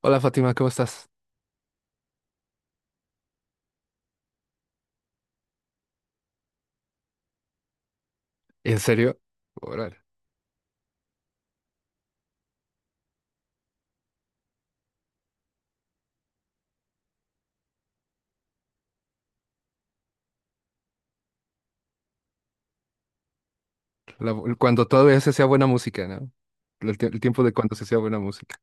Hola Fátima, ¿cómo estás? ¿En serio? Órale. Cuando todavía se hacía buena música, ¿no? El tiempo de cuando se hacía buena música.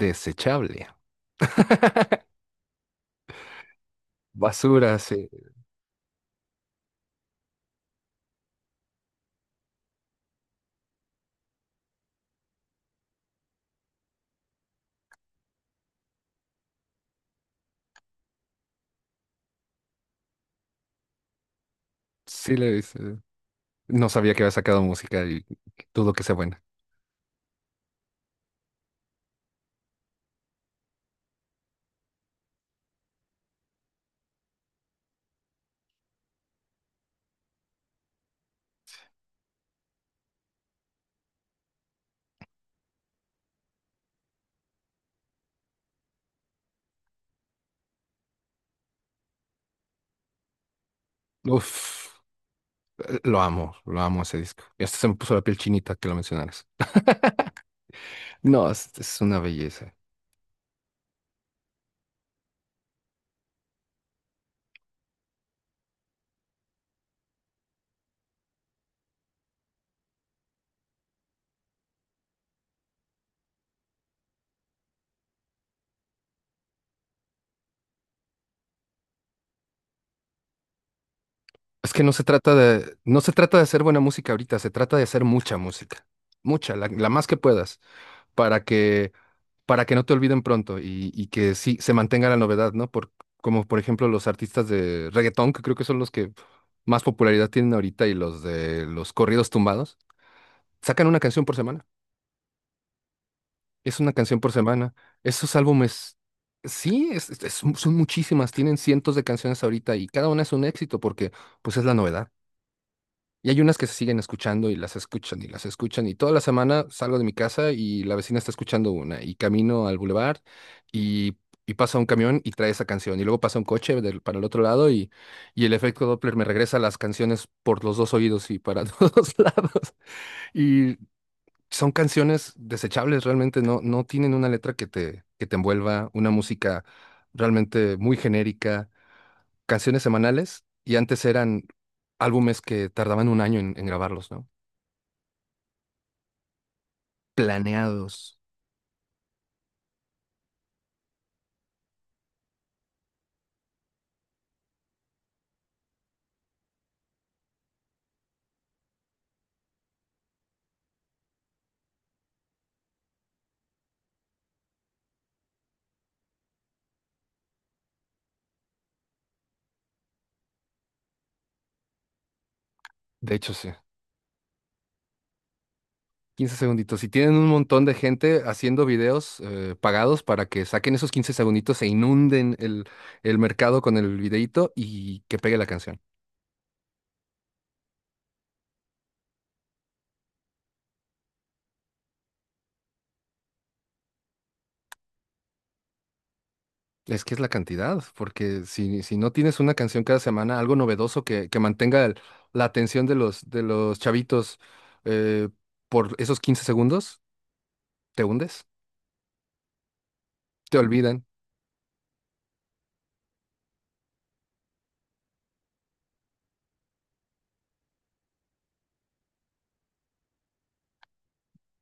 Desechable. Basura, sí. Sí le dice. No sabía que había sacado música y dudo que sea buena. Uf, lo amo ese disco. Y hasta se me puso la piel chinita que lo mencionaras. No, es una belleza. Es que no se trata de, no se trata de hacer buena música ahorita, se trata de hacer mucha música. Mucha, la más que puedas, para que para que no te olviden pronto y que sí se mantenga la novedad, ¿no? Por, como por ejemplo los artistas de reggaetón, que creo que son los que más popularidad tienen ahorita, y los de los corridos tumbados, sacan una canción por semana. Es una canción por semana. Esos álbumes, sí, son muchísimas, tienen cientos de canciones ahorita y cada una es un éxito porque pues es la novedad. Y hay unas que se siguen escuchando y las escuchan y las escuchan. Y toda la semana salgo de mi casa y la vecina está escuchando una. Y camino al bulevar y, y pasa un camión y trae esa canción. Y luego pasa un coche para el otro lado y el efecto Doppler me regresa las canciones por los dos oídos y para todos lados. Y son canciones desechables, realmente no, no tienen una letra que te envuelva, una música realmente muy genérica. Canciones semanales y antes eran álbumes que tardaban un año en grabarlos, ¿no? Planeados. De hecho, sí. Quince segunditos. Si tienen un montón de gente haciendo videos pagados para que saquen esos 15 segunditos e inunden el mercado con el videíto y que pegue la canción. Es que es la cantidad, porque si no tienes una canción cada semana, algo novedoso que mantenga la atención de los chavitos eh, por esos 15 segundos, te hundes, te olvidan.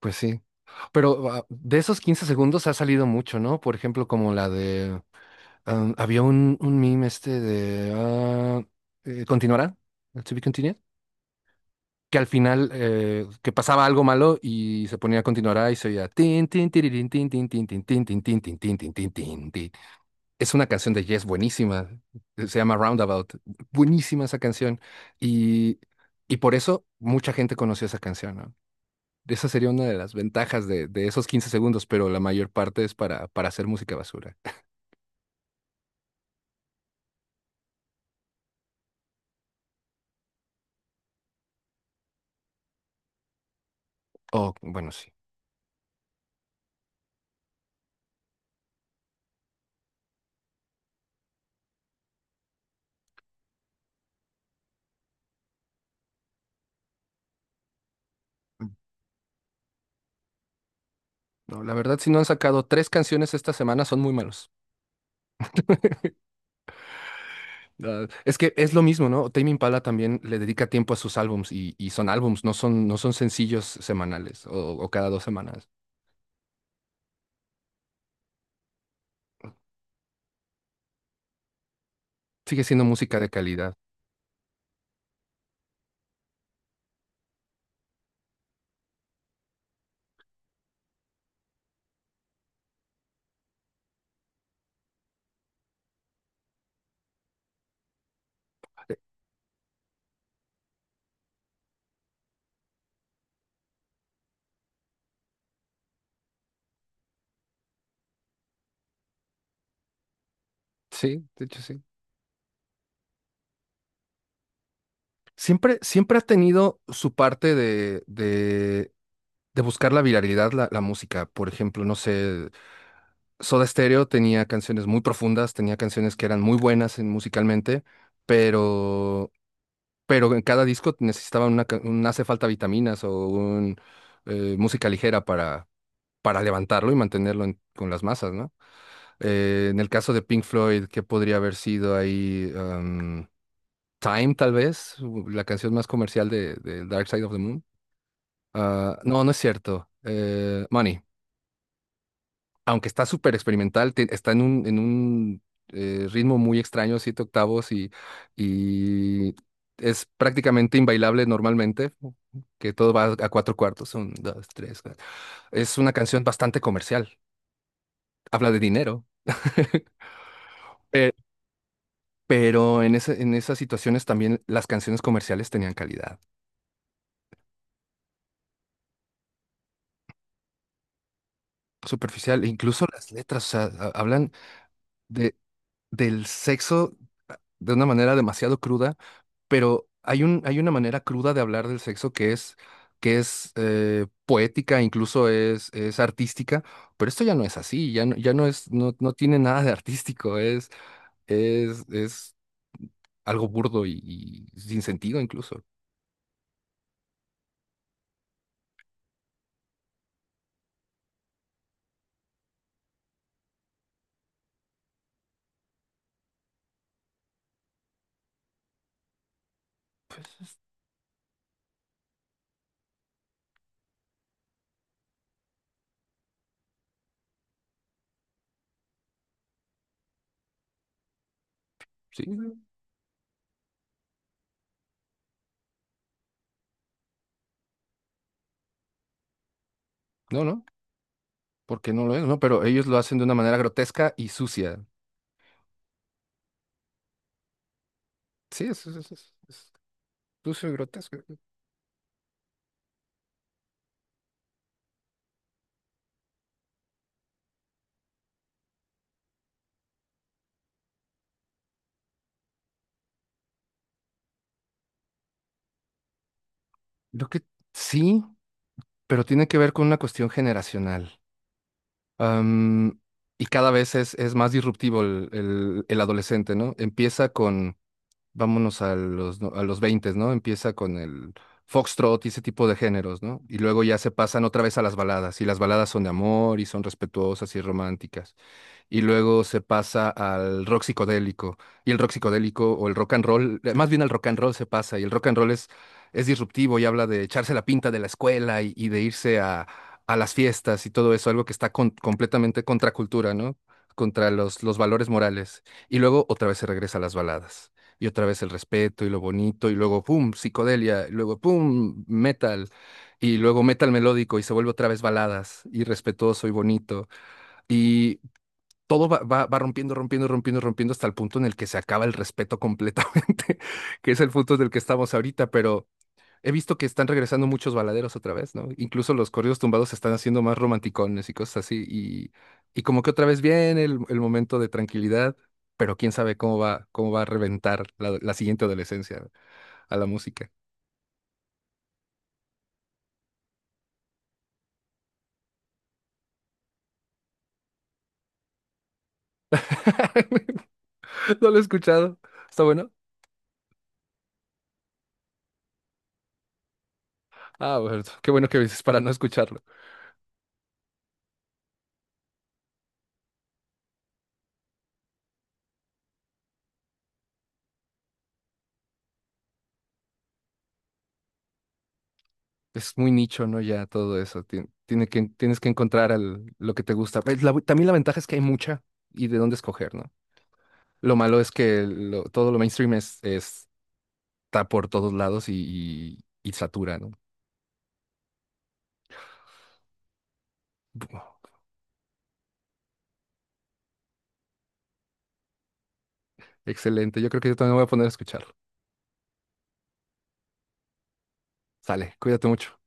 Pues sí. Pero de esos 15 segundos ha salido mucho, ¿no? Por ejemplo, como la de había un meme este de continuará, to be continued, que al final que pasaba algo malo y se ponía continuará y se oía tin tin tiririn, tin tin tin tin tin tin tin tin tin tin tin tin tin. Es una canción de Yes buenísima, se llama Roundabout, buenísima esa canción y y por eso mucha gente conoció esa canción, ¿no? Esa sería una de las ventajas de esos 15 segundos, pero la mayor parte es para hacer música basura. Oh, bueno, sí. No, la verdad, si no han sacado tres canciones esta semana, son muy malos. Ah, es que es lo mismo, ¿no? Tame Impala también le dedica tiempo a sus álbums y son álbums, no son, no son sencillos semanales o cada dos semanas. Sigue siendo música de calidad. Sí, de hecho sí. Siempre, siempre ha tenido su parte de buscar la viralidad, la música. Por ejemplo, no sé, Soda Stereo tenía canciones muy profundas, tenía canciones que eran muy buenas musicalmente, pero en cada disco necesitaban una, un hace falta vitaminas o un música ligera para levantarlo y mantenerlo con las masas, ¿no? En el caso de Pink Floyd, ¿qué podría haber sido ahí? Am, Time, tal vez, la canción más comercial de Dark Side of the Moon. Ah, no, no es cierto. Money. Aunque está súper experimental, está en un ritmo muy extraño, 7/8, y es prácticamente inbailable normalmente, que todo va a 4/4, un, dos, tres, cuatro. Es una canción bastante comercial, habla de dinero, pe- pero en en esas situaciones también las canciones comerciales tenían calidad superficial, e incluso las letras, o sea, hablan de, del sexo de una manera demasiado cruda, pero hay un, hay una manera cruda de hablar del sexo que es poética, incluso es artística, pero esto ya no es así, ya no, ya no es, no, no tiene nada de artístico, es algo burdo y sin sentido incluso, ¿sí? Ujú. No, no, porque no lo es, ¿no? Pero ellos lo hacen de una manera grotesca y sucia. Sí, es sucio y grotesco. Lo que sí, pero tiene que ver con una cuestión generacional. Am, y cada vez es más disruptivo el adolescente, ¿no? Empieza con, vámonos a los, a los 20, ¿no? Empieza con el foxtrot y ese tipo de géneros, ¿no? Y luego ya se pasan otra vez a las baladas, y las baladas son de amor y son respetuosas y románticas y luego se pasa al rock psicodélico. Y el rock psicodélico o el rock and roll, más bien al rock and roll se pasa, y el rock and roll es disruptivo y habla de echarse la pinta de la escuela y de irse a las fiestas y todo eso, algo que está completamente contra cultura, ¿no? Contra los valores morales. Y luego otra vez se regresa a las baladas. Y otra vez el respeto y lo bonito, y luego pum, psicodelia, y luego pum, metal, y luego metal melódico, y se vuelve otra vez baladas, y respetuoso y bonito. Y todo va, va, va rompiendo, rompiendo, rompiendo, rompiendo hasta el punto en el que se acaba el respeto completamente, que es el punto del que estamos ahorita, pero he visto que están regresando muchos baladeros otra vez, ¿no? Incluso los corridos tumbados se están haciendo más romanticones y cosas así, y como que otra vez viene el momento de tranquilidad, pero quién sabe cómo va a reventar la, la siguiente adolescencia a la música. No lo he escuchado. ¿Está bueno? Ah, bueno, qué bueno que dices para no escucharlo. Es muy nicho, ¿no? Ya todo eso. Tiene que, tienes que encontrar lo que te gusta. Pues, también la ventaja es que hay mucha y de dónde escoger, ¿no? Lo malo es que todo lo mainstream es, está por todos lados y, y satura, ¿no? Bu- Excelente. Yo creo que yo también voy a poner a escucharlo. Sale, cuídate mucho.